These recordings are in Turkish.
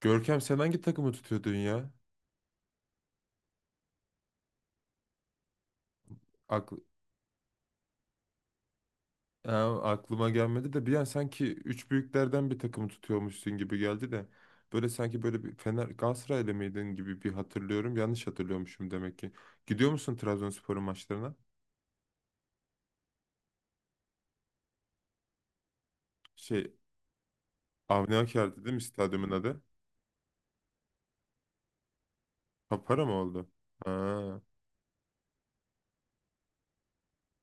Görkem sen hangi takımı tutuyordun ya? Akl- Ha, aklıma gelmedi de bir an sanki üç büyüklerden bir takımı tutuyormuşsun gibi geldi de. Böyle sanki böyle bir Fener Galatasaraylı mıydın gibi bir hatırlıyorum. Yanlış hatırlıyormuşum demek ki. Gidiyor musun Trabzonspor'un maçlarına? Şey Avni Aker'di değil mi stadyumun adı? Papara mı oldu? Ha,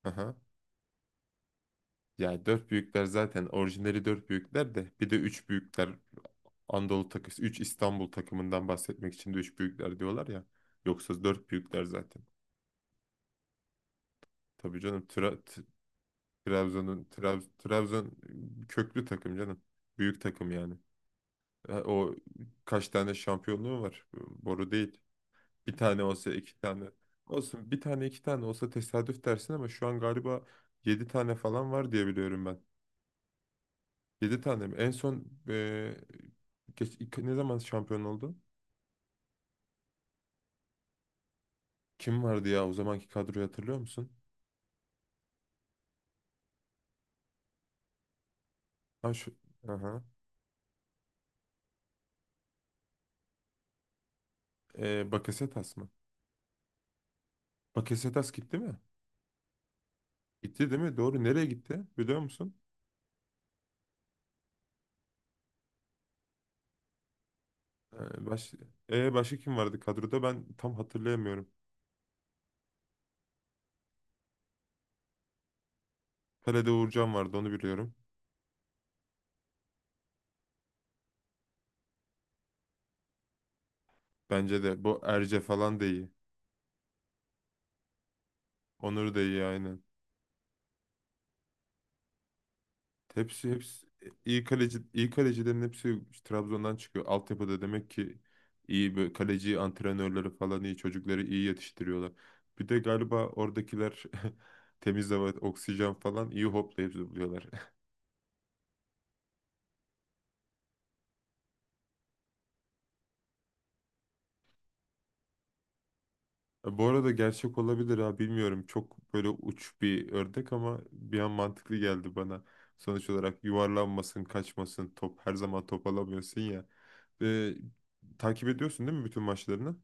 aha. Ya dört büyükler zaten orijinali dört büyükler de bir de üç büyükler Anadolu takısı, üç İstanbul takımından bahsetmek için de üç büyükler diyorlar ya. Yoksa dört büyükler zaten. Tabii canım Trabzon'un Trabzon köklü takım canım. Büyük takım yani. Ha, o kaç tane şampiyonluğu var? Boru değil. Bir tane olsa iki tane. Olsun bir tane iki tane olsa tesadüf dersin ama şu an galiba yedi tane falan var diye biliyorum ben. Yedi tane mi? En son ne zaman şampiyon oldu? Kim vardı ya o zamanki kadroyu hatırlıyor musun? Ha şu, aha. Bakasetas mı? Bakasetas gitti mi? Gitti değil mi? Doğru. Nereye gitti? Biliyor musun? Ee, baş... Başka kim vardı kadroda? Ben tam hatırlayamıyorum. Pele'de Uğurcan vardı onu biliyorum. Bence de bu Erce falan da iyi. Onur da iyi aynen. Hepsi hepsi e, iyi kaleci iyi kalecilerin hepsi Trabzon'dan çıkıyor. Altyapıda demek ki iyi böyle kaleci antrenörleri falan iyi çocukları iyi yetiştiriyorlar. Bir de galiba oradakiler temiz hava, oksijen falan iyi hoplayıp zıplıyorlar. Bu arada gerçek olabilir ha bilmiyorum. Çok böyle uç bir ördek ama bir an mantıklı geldi bana. Sonuç olarak yuvarlanmasın, kaçmasın, top her zaman top alamıyorsun ya. E, Takip ediyorsun değil mi bütün maçlarını?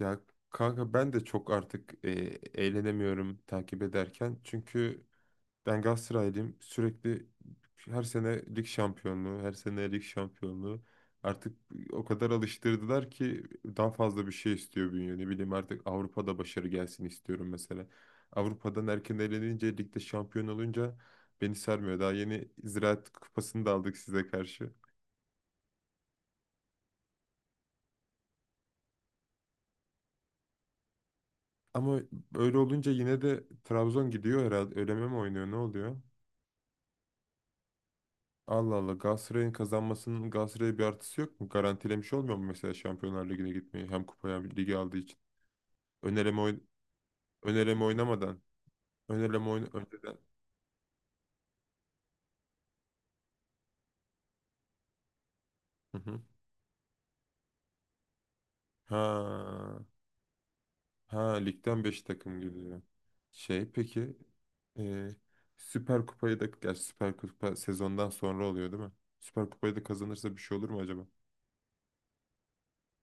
Ya kanka ben de çok artık eğlenemiyorum takip ederken. Çünkü ben Galatasaraylıyım. Sürekli her sene lig şampiyonluğu, her sene lig şampiyonluğu. Artık o kadar alıştırdılar ki daha fazla bir şey istiyor bünye. Ne bileyim artık Avrupa'da başarı gelsin istiyorum mesela. Avrupa'dan erken elenince, ligde şampiyon olunca beni sarmıyor. Daha yeni Ziraat Kupası'nı da aldık size karşı. Ama öyle olunca yine de Trabzon gidiyor herhalde. Öleme mi oynuyor, ne oluyor? Allah Allah Galatasaray'ın kazanmasının Galatasaray'a bir artısı yok mu? Garantilemiş olmuyor mu mesela Şampiyonlar Ligi'ne gitmeyi hem kupaya hem ligi aldığı için? Önereme, önereme oynamadan. Önereme önceden. Hı hı. Ha, ha ligden 5 takım geliyor. Peki e, Süper Kupayı da gerçi Süper Kupa sezondan sonra oluyor değil mi? Süper Kupayı da kazanırsa bir şey olur mu acaba?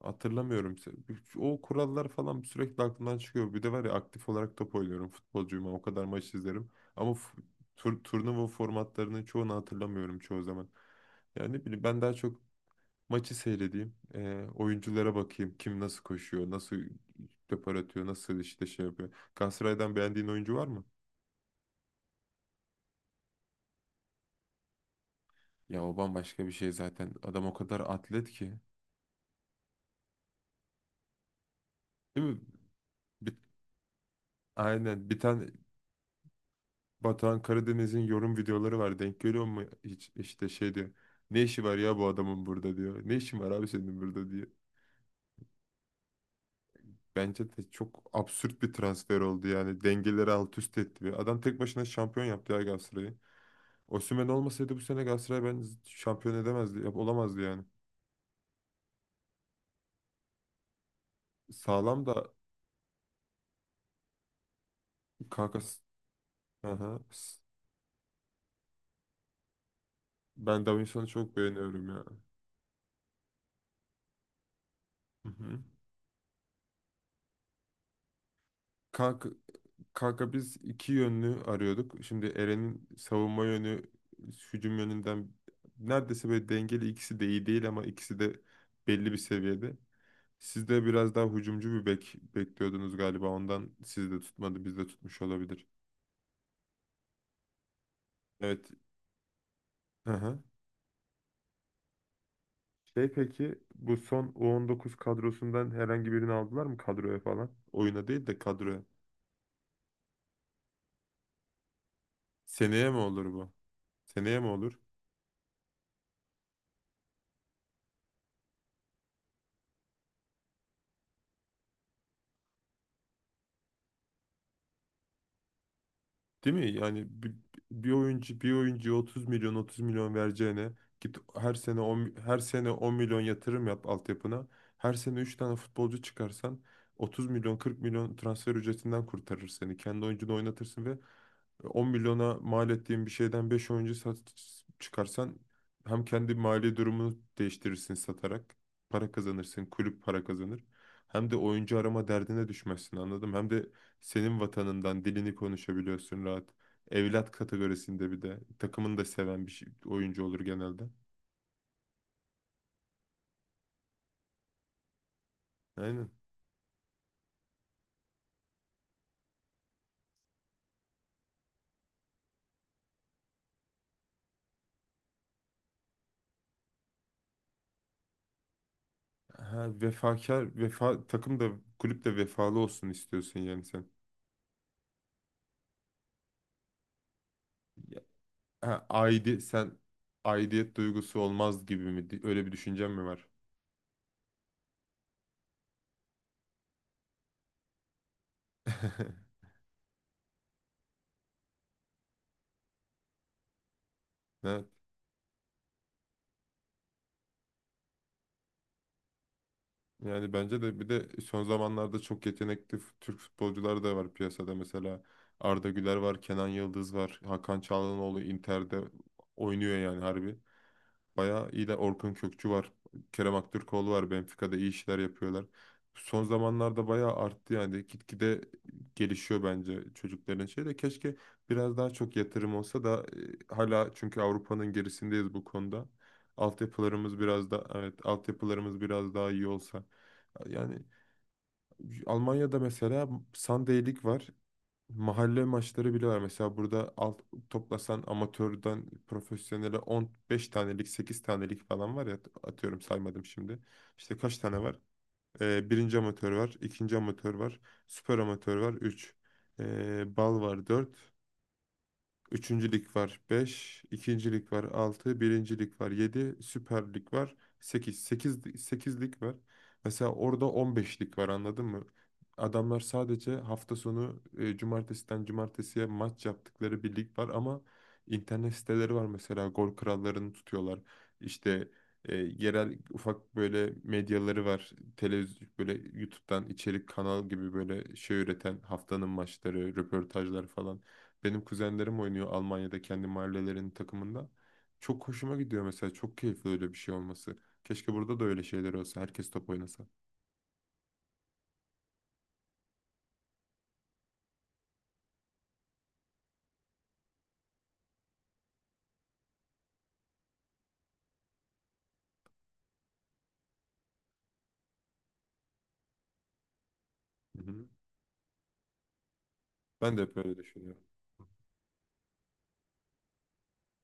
Hatırlamıyorum. O kurallar falan sürekli aklımdan çıkıyor. Bir de var ya aktif olarak top oynuyorum. Futbolcuyum. Ama o kadar maç izlerim. Ama turnuva formatlarının çoğunu hatırlamıyorum çoğu zaman. Yani ne bileyim ben daha çok maçı seyredeyim. Oyunculara bakayım. Kim nasıl koşuyor, nasıl depar atıyor, nasıl işte şey yapıyor. Galatasaray'dan beğendiğin oyuncu var mı? Ya o bambaşka bir şey zaten. Adam o kadar atlet ki. Değil mi? Bir- aynen. Bir tane Batuhan Karadeniz'in yorum videoları var. Denk görüyor mu? Hiç işte şey diyor. Ne işi var ya bu adamın burada diyor. Ne işin var abi senin burada diyor. Bence de çok absürt bir transfer oldu yani. Dengeleri alt üst etti. Ve adam tek başına şampiyon yaptı ya Galatasaray'ı. Osimhen olmasaydı bu sene Galatasaray ben şampiyon edemezdi. Olamazdı yani. Sağlam da kanka. Aha. Ben Davinson'u çok beğeniyorum ya. Hı hı. Kanka Kanka, biz iki yönlü arıyorduk. Şimdi Eren'in savunma yönü hücum yönünden neredeyse böyle dengeli, ikisi de iyi değil ama ikisi de belli bir seviyede. Siz de biraz daha hücumcu bir bek bekliyordunuz galiba. Ondan siz de tutmadı, biz de tutmuş olabilir. Evet. Hı hı. Peki bu son U19 kadrosundan herhangi birini aldılar mı kadroya falan? Oyuna değil de kadroya. Seneye mi olur bu? Seneye mi olur? Değil mi? Yani bir oyuncu bir oyuncuya 30 milyon 30 milyon vereceğine git her sene 10, her sene 10 milyon yatırım yap altyapına. Her sene 3 tane futbolcu çıkarsan 30 milyon 40 milyon transfer ücretinden kurtarır seni. Kendi oyuncunu oynatırsın ve 10 milyona mal ettiğin bir şeyden 5 oyuncu sat, çıkarsan hem kendi mali durumunu değiştirirsin satarak para kazanırsın, kulüp para kazanır. Hem de oyuncu arama derdine düşmezsin anladım. Hem de senin vatanından dilini konuşabiliyorsun rahat. Evlat kategorisinde bir de. Takımını da seven oyuncu olur genelde. Aynen. Ha, vefakar, takım da kulüp de vefalı olsun istiyorsun yani sen. Ya- Ha, sen aidiyet duygusu olmaz gibi mi? Öyle bir düşüncen mi var? Evet. Yani bence de bir de son zamanlarda çok yetenekli Türk futbolcular da var piyasada. Mesela Arda Güler var, Kenan Yıldız var, Hakan Çalhanoğlu Inter'de oynuyor yani harbi. Bayağı iyi de Orkun Kökçü var. Kerem Aktürkoğlu var. Benfica'da iyi işler yapıyorlar. Son zamanlarda bayağı arttı yani. Gitgide gelişiyor bence çocukların şeyi de. Keşke biraz daha çok yatırım olsa da hala çünkü Avrupa'nın gerisindeyiz bu konuda. Altyapılarımız biraz da evet, altyapılarımız biraz daha iyi olsa. Yani Almanya'da mesela Sunday Lig var. Mahalle maçları bile var. Mesela burada toplasan amatörden profesyonele 15 tanelik, 8 tanelik falan var ya atıyorum saymadım şimdi. İşte kaç tane var? Birinci amatör var, ikinci amatör var, süper amatör var, 3. bal var, dört, üçüncü lig var, beş, ikinci lig var, altı, birinci lig var, yedi, Süper Lig var, sekiz, 8 lig var. Mesela orada 15 lig var, anladın mı? Adamlar sadece hafta sonu cumartesiden cumartesiye maç yaptıkları bir lig var ama internet siteleri var, mesela gol krallarını tutuyorlar. İşte yerel ufak böyle medyaları var. Televizyon böyle YouTube'dan içerik kanal gibi böyle şey üreten haftanın maçları, röportajlar falan. Benim kuzenlerim oynuyor Almanya'da kendi mahallelerinin takımında. Çok hoşuma gidiyor mesela. Çok keyifli öyle bir şey olması. Keşke burada da öyle şeyler olsa. Herkes top oynasa. Hı hı. Ben de hep öyle düşünüyorum.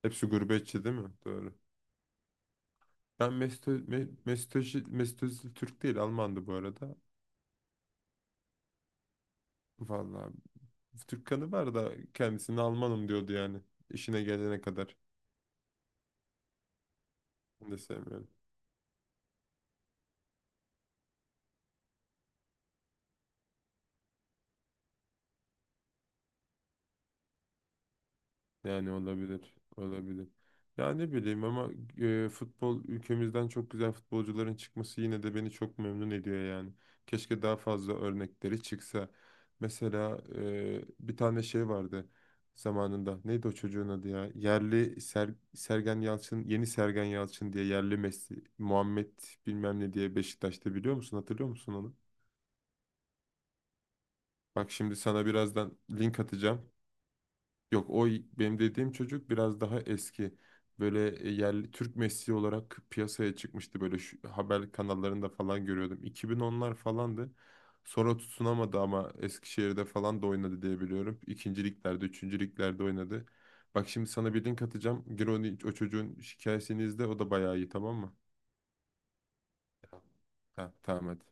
Hepsi gurbetçi değil mi? Doğru. Ben mesto Ö- Me- Mesut, Özil- Mesut Özil Türk değil Almandı bu arada. Vallahi Türk kanı var da kendisini Almanım diyordu yani. İşine gelene kadar. Ben de sevmiyorum. Yani olabilir. Olabilir. Ya ne bileyim ama futbol ülkemizden çok güzel futbolcuların çıkması yine de beni çok memnun ediyor yani. Keşke daha fazla örnekleri çıksa. Mesela bir tane şey vardı zamanında. Neydi o çocuğun adı ya? Yerli Sergen Yalçın, yeni Sergen Yalçın diye yerli Messi, Muhammed bilmem ne diye Beşiktaş'ta biliyor musun? Hatırlıyor musun onu? Bak şimdi sana birazdan link atacağım. Yok o benim dediğim çocuk biraz daha eski. Böyle yerli Türk Messi olarak piyasaya çıkmıştı. Böyle şu, haber kanallarında falan görüyordum. 2010'lar falandı. Sonra tutunamadı ama Eskişehir'de falan da oynadı diye biliyorum. İkinci liglerde, üçüncü liglerde oynadı. Bak şimdi sana bir link atacağım. Gir onu, o çocuğun hikayesini izle. O da bayağı iyi tamam mı? Ha, tamam hadi.